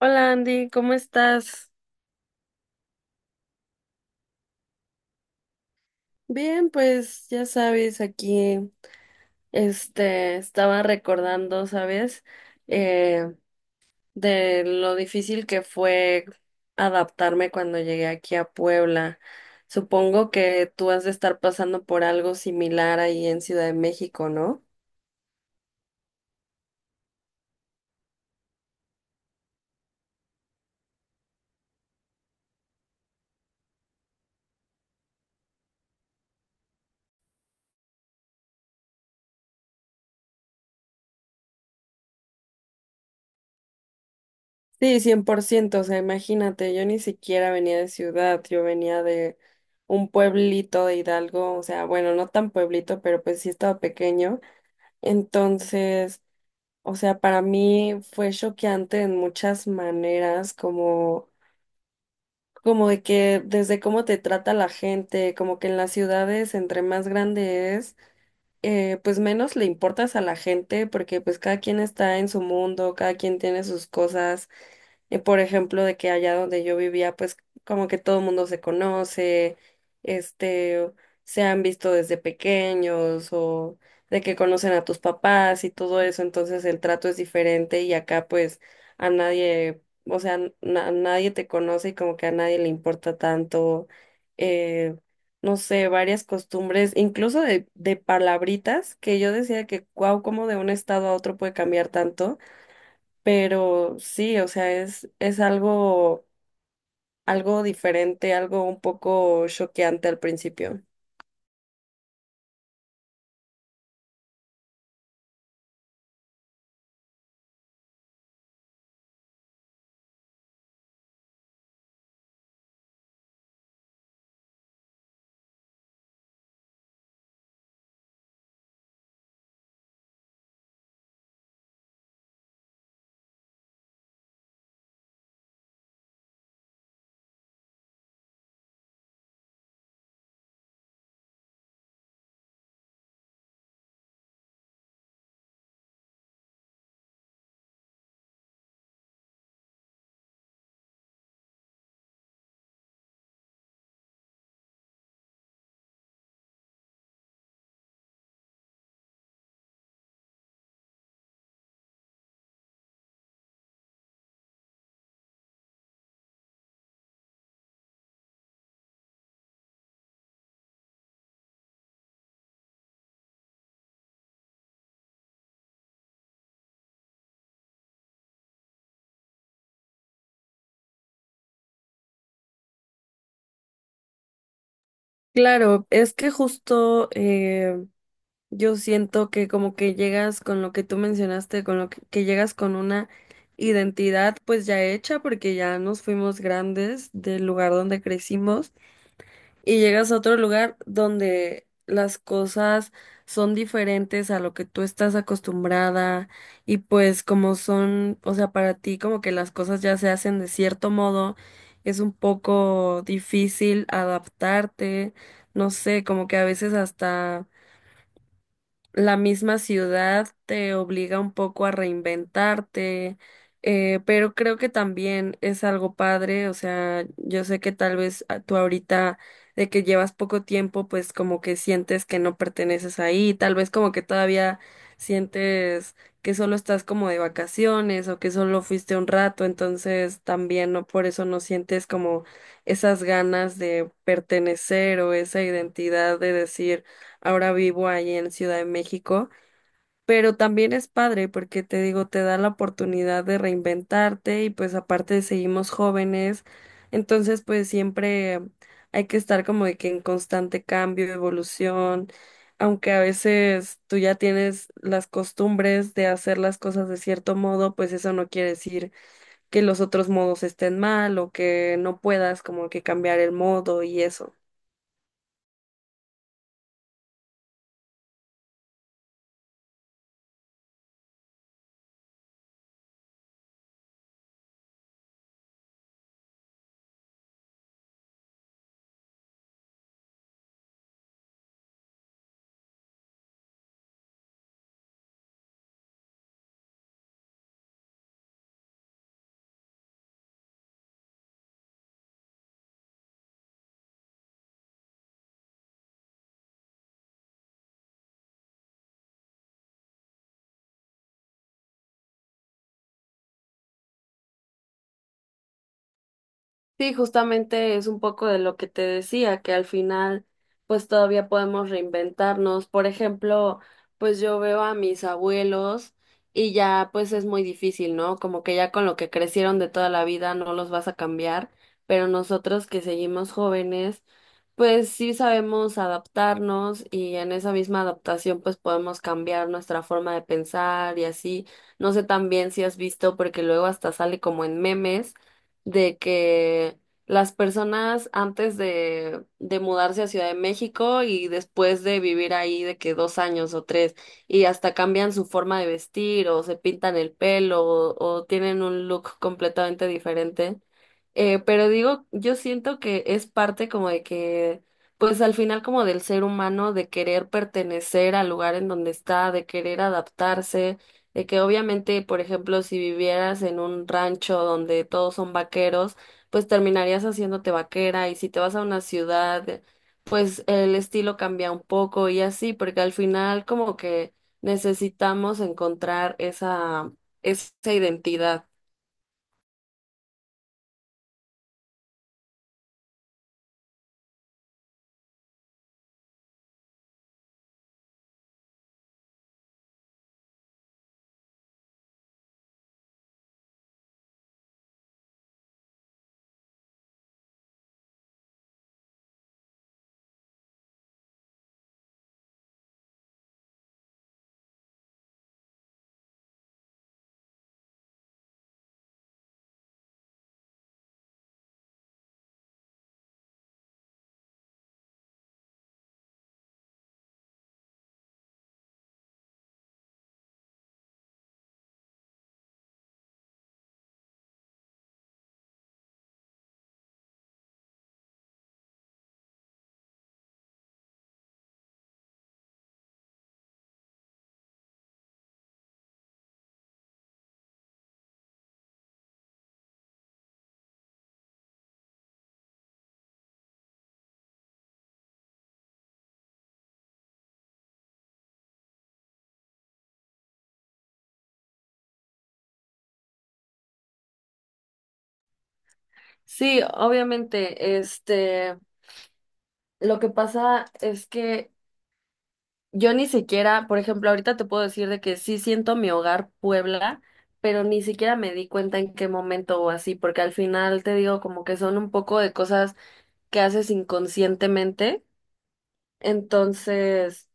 Hola Andy, ¿cómo estás? Bien, pues ya sabes, aquí estaba recordando, ¿sabes? Eh, de lo difícil que fue adaptarme cuando llegué aquí a Puebla. Supongo que tú has de estar pasando por algo similar ahí en Ciudad de México, ¿no? Sí, cien por ciento. O sea, imagínate, yo ni siquiera venía de ciudad, yo venía de un pueblito de Hidalgo, o sea, bueno, no tan pueblito, pero pues sí estaba pequeño. Entonces, o sea, para mí fue choqueante en muchas maneras, como, como de que desde cómo te trata la gente, como que en las ciudades, entre más grande es, pues menos le importas a la gente porque pues cada quien está en su mundo, cada quien tiene sus cosas. Por ejemplo, de que allá donde yo vivía, pues como que todo el mundo se conoce, este, se han visto desde pequeños o de que conocen a tus papás y todo eso, entonces el trato es diferente y acá pues a nadie, o sea, nadie te conoce y como que a nadie le importa tanto. eh, no sé, varias costumbres, incluso de palabritas, que yo decía que, wow, cómo de un estado a otro puede cambiar tanto, pero sí, o sea, es algo, algo diferente, algo un poco choqueante al principio. Claro, es que justo yo siento que como que llegas con lo que tú mencionaste, con lo que llegas con una identidad pues ya hecha porque ya nos fuimos grandes del lugar donde crecimos y llegas a otro lugar donde las cosas son diferentes a lo que tú estás acostumbrada y pues como son, o sea, para ti como que las cosas ya se hacen de cierto modo, es un poco difícil adaptarte, no sé, como que a veces hasta la misma ciudad te obliga un poco a reinventarte, pero creo que también es algo padre, o sea, yo sé que tal vez tú ahorita de que llevas poco tiempo, pues como que sientes que no perteneces ahí, tal vez como que todavía sientes que solo estás como de vacaciones o que solo fuiste un rato, entonces también no por eso no sientes como esas ganas de pertenecer o esa identidad de decir ahora vivo ahí en Ciudad de México, pero también es padre porque te digo, te da la oportunidad de reinventarte y pues aparte seguimos jóvenes, entonces pues siempre hay que estar como de que en constante cambio, evolución, aunque a veces tú ya tienes las costumbres de hacer las cosas de cierto modo, pues eso no quiere decir que los otros modos estén mal o que no puedas como que cambiar el modo y eso. Sí, justamente es un poco de lo que te decía, que al final pues todavía podemos reinventarnos. Por ejemplo, pues yo veo a mis abuelos y ya pues es muy difícil, ¿no? Como que ya con lo que crecieron de toda la vida no los vas a cambiar, pero nosotros que seguimos jóvenes, pues sí sabemos adaptarnos y en esa misma adaptación pues podemos cambiar nuestra forma de pensar y así. No sé también si has visto, porque luego hasta sale como en memes de que las personas antes de mudarse a Ciudad de México y después de vivir ahí de que dos años o tres y hasta cambian su forma de vestir o se pintan el pelo o tienen un look completamente diferente. Pero digo, yo siento que es parte como de que, pues al final como del ser humano, de querer pertenecer al lugar en donde está, de querer adaptarse de que obviamente, por ejemplo, si vivieras en un rancho donde todos son vaqueros, pues terminarías haciéndote vaquera y si te vas a una ciudad, pues el estilo cambia un poco y así, porque al final como que necesitamos encontrar esa, esa identidad. Sí, obviamente, lo que pasa es que yo ni siquiera, por ejemplo, ahorita te puedo decir de que sí siento mi hogar Puebla, pero ni siquiera me di cuenta en qué momento o así, porque al final te digo como que son un poco de cosas que haces inconscientemente. Entonces,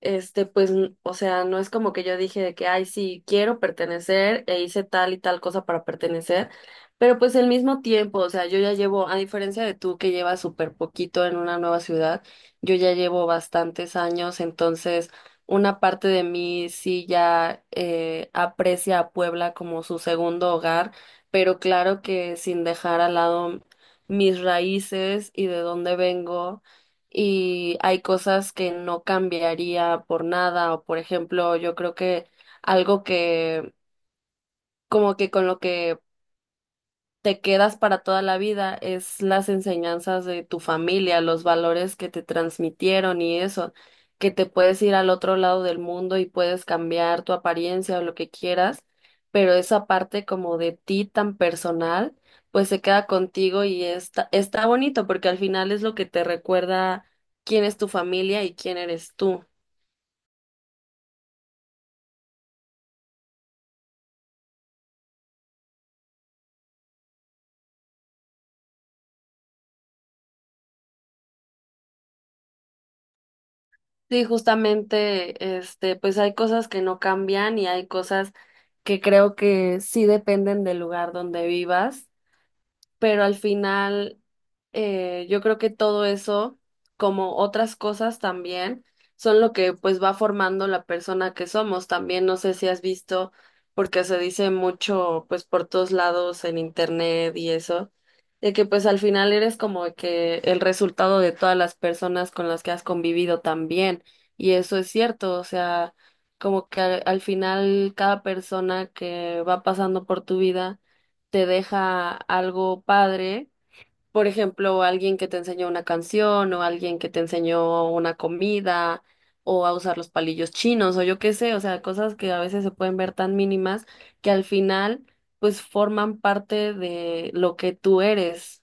pues, o sea, no es como que yo dije de que, ay, sí, quiero pertenecer e hice tal y tal cosa para pertenecer, pero pues al mismo tiempo, o sea, yo ya llevo, a diferencia de tú que llevas súper poquito en una nueva ciudad, yo ya llevo bastantes años, entonces una parte de mí sí ya aprecia a Puebla como su segundo hogar, pero claro que sin dejar al lado mis raíces y de dónde vengo y hay cosas que no cambiaría por nada, o por ejemplo, yo creo que algo que como que con lo que te quedas para toda la vida, es las enseñanzas de tu familia, los valores que te transmitieron y eso, que te puedes ir al otro lado del mundo y puedes cambiar tu apariencia o lo que quieras, pero esa parte como de ti tan personal, pues se queda contigo y está bonito porque al final es lo que te recuerda quién es tu familia y quién eres tú. Sí, justamente, pues hay cosas que no cambian y hay cosas que creo que sí dependen del lugar donde vivas pero al final yo creo que todo eso, como otras cosas también, son lo que pues va formando la persona que somos. También no sé si has visto, porque se dice mucho pues por todos lados en internet y eso, de que pues al final eres como que el resultado de todas las personas con las que has convivido también. Y eso es cierto, o sea, como que al final cada persona que va pasando por tu vida te deja algo padre. Por ejemplo, alguien que te enseñó una canción o alguien que te enseñó una comida o a usar los palillos chinos o yo qué sé, o sea, cosas que a veces se pueden ver tan mínimas que al final pues forman parte de lo que tú eres.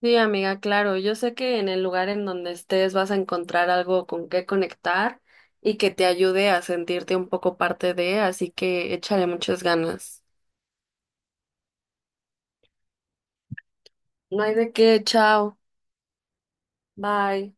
Sí, amiga, claro, yo sé que en el lugar en donde estés vas a encontrar algo con qué conectar y que te ayude a sentirte un poco parte de, así que échale muchas ganas. No hay de qué, chao, bye.